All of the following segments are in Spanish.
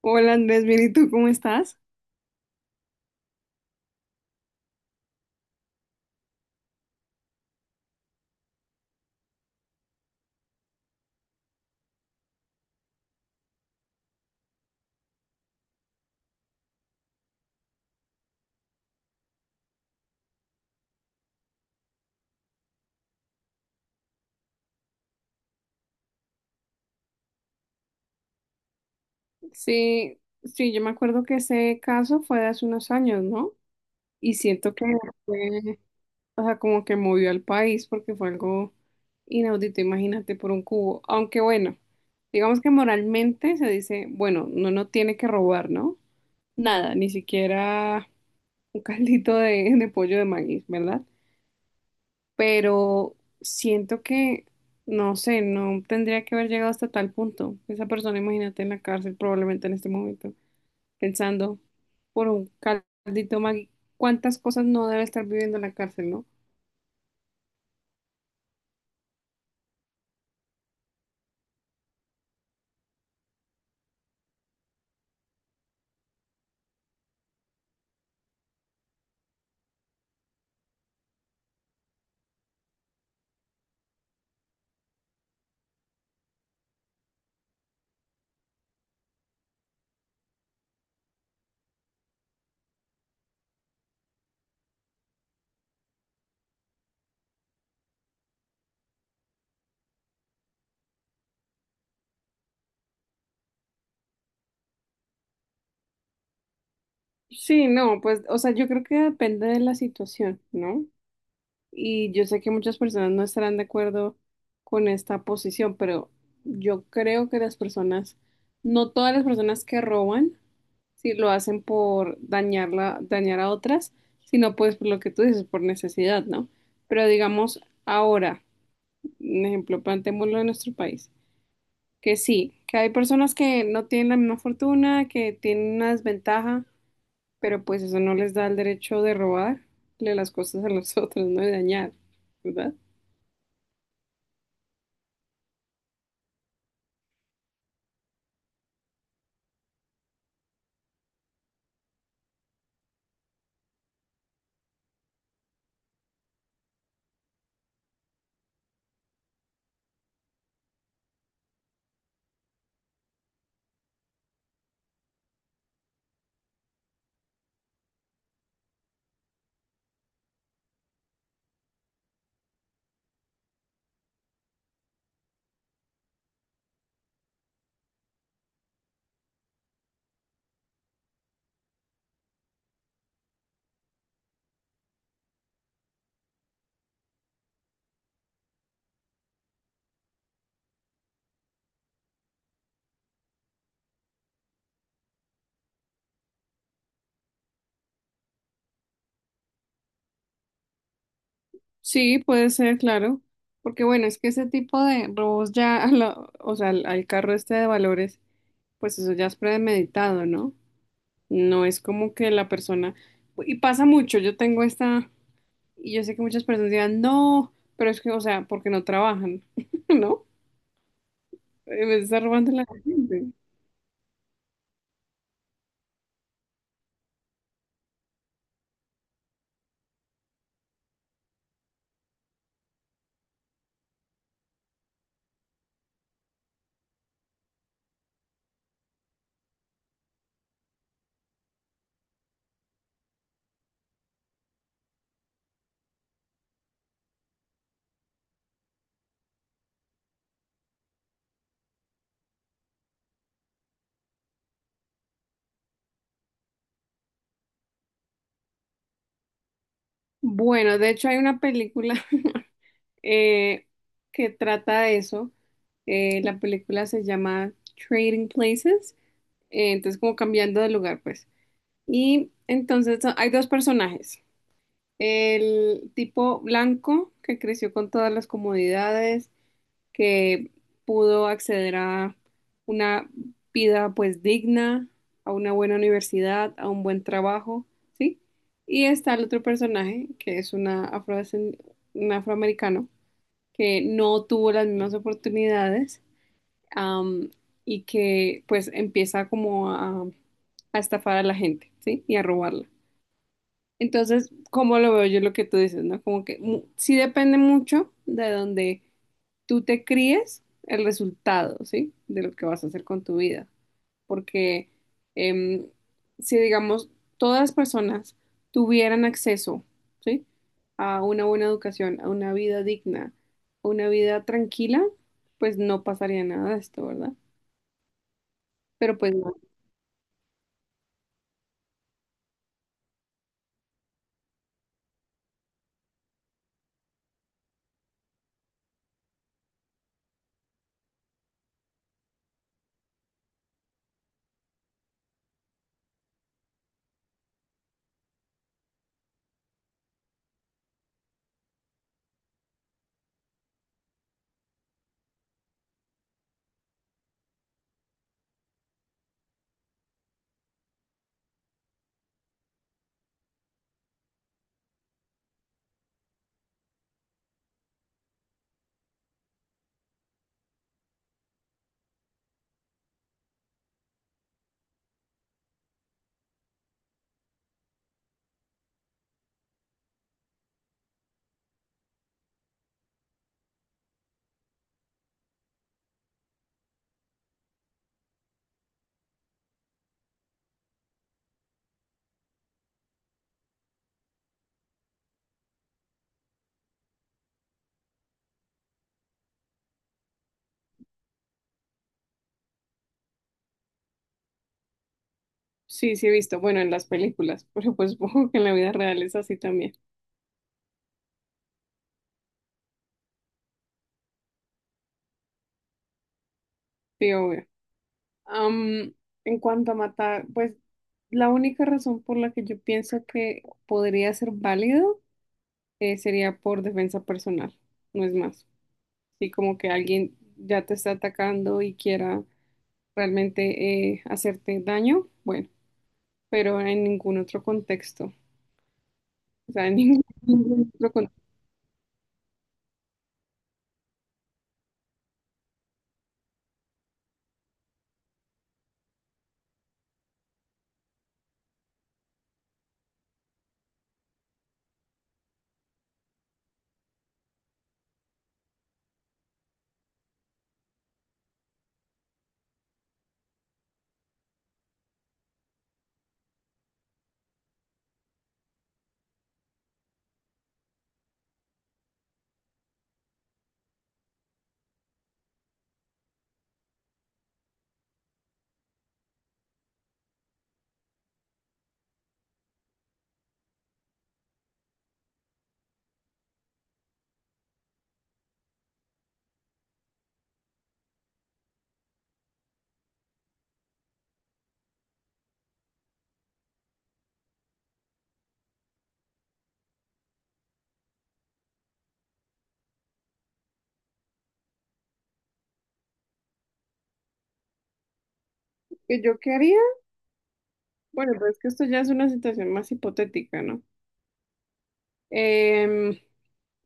Hola Andrés, bien, ¿y tú cómo estás? Sí, sí, yo me acuerdo que ese caso fue de hace unos años, ¿no? Y siento que fue, o sea, como que movió al país porque fue algo inaudito, imagínate, por un cubo. Aunque bueno, digamos que moralmente se dice, bueno, no, tiene que robar, ¿no? Nada, ni siquiera un caldito de pollo de maíz, ¿verdad? Pero siento que, no sé, no tendría que haber llegado hasta tal punto. Esa persona, imagínate, en la cárcel probablemente en este momento, pensando por un caldito Maggi, cuántas cosas no debe estar viviendo en la cárcel, ¿no? Sí, no, pues, o sea, yo creo que depende de la situación, ¿no? Y yo sé que muchas personas no estarán de acuerdo con esta posición, pero yo creo que las personas, no todas las personas que roban, si lo hacen por dañarla, dañar a otras, sino pues por lo que tú dices, por necesidad, ¿no? Pero digamos ahora, un ejemplo, planteémoslo en nuestro país, que sí, que hay personas que no tienen la misma fortuna, que tienen una desventaja, pero pues eso no les da el derecho de robarle las cosas a los otros, ¿no? De dañar, ¿verdad? Sí, puede ser, claro. Porque bueno, es que ese tipo de robos ya, o sea, al carro este de valores, pues eso ya es premeditado, ¿no? No es como que la persona, y pasa mucho, yo tengo esta, y yo sé que muchas personas dirán, no, pero es que, o sea, porque no trabajan, ¿no? Me está robando la gente. Bueno, de hecho hay una película eh, que trata de eso. La película se llama Trading Places, entonces como cambiando de lugar, pues. Y entonces hay dos personajes. El tipo blanco que creció con todas las comodidades, que pudo acceder a una vida pues digna, a una buena universidad, a un buen trabajo, ¿sí? Y está el otro personaje, que es un afroamericano, que no tuvo las mismas oportunidades, am, y que pues empieza como a estafar a la gente, ¿sí? Y a robarla. Entonces, ¿cómo lo veo yo lo que tú dices, ¿no? Como que sí depende mucho de dónde tú te críes el resultado, ¿sí? De lo que vas a hacer con tu vida. Porque em, si, digamos, todas las personas tuvieran acceso, ¿sí? A una buena educación, a una vida digna, a una vida tranquila, pues no pasaría nada de esto, ¿verdad? Pero pues no. Sí, sí he visto, bueno, en las películas, pero pues supongo que en la vida real es así también. Sí, obvio. Am, en cuanto a matar, pues la única razón por la que yo pienso que podría ser válido sería por defensa personal, no es más. Sí, como que alguien ya te está atacando y quiera realmente hacerte daño, bueno, pero en ningún otro contexto. O sea, en ningún, ningún otro contexto. ¿Que yo qué haría? Bueno, pero es que esto ya es una situación más hipotética, ¿no? Em,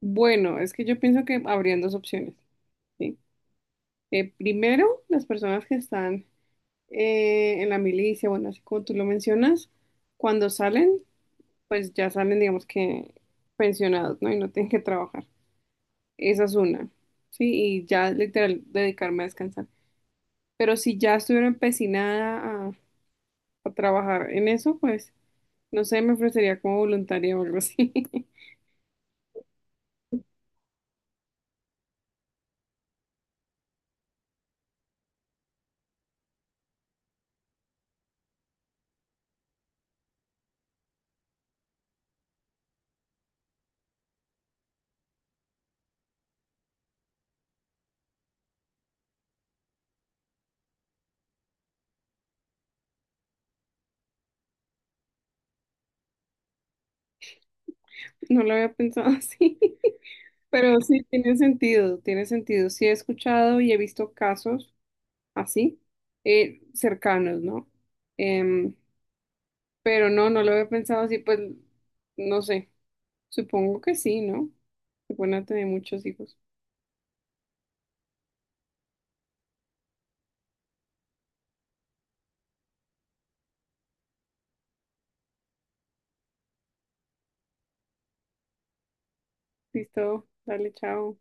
bueno, es que yo pienso que habrían dos opciones. ¿Sí? Primero, las personas que están en la milicia, bueno, así como tú lo mencionas, cuando salen, pues ya salen, digamos que pensionados, ¿no? Y no tienen que trabajar. Esa es una, ¿sí? Y ya literal dedicarme a descansar. Pero si ya estuviera empecinada a trabajar en eso, pues no sé, me ofrecería como voluntaria o algo así. No lo había pensado así, pero sí tiene sentido, tiene sentido. Sí he escuchado y he visto casos así, cercanos, ¿no? Em, pero no, no lo había pensado así, pues, no sé, supongo que sí, ¿no? Se pueden a tener muchos hijos. Listo, dale, chao.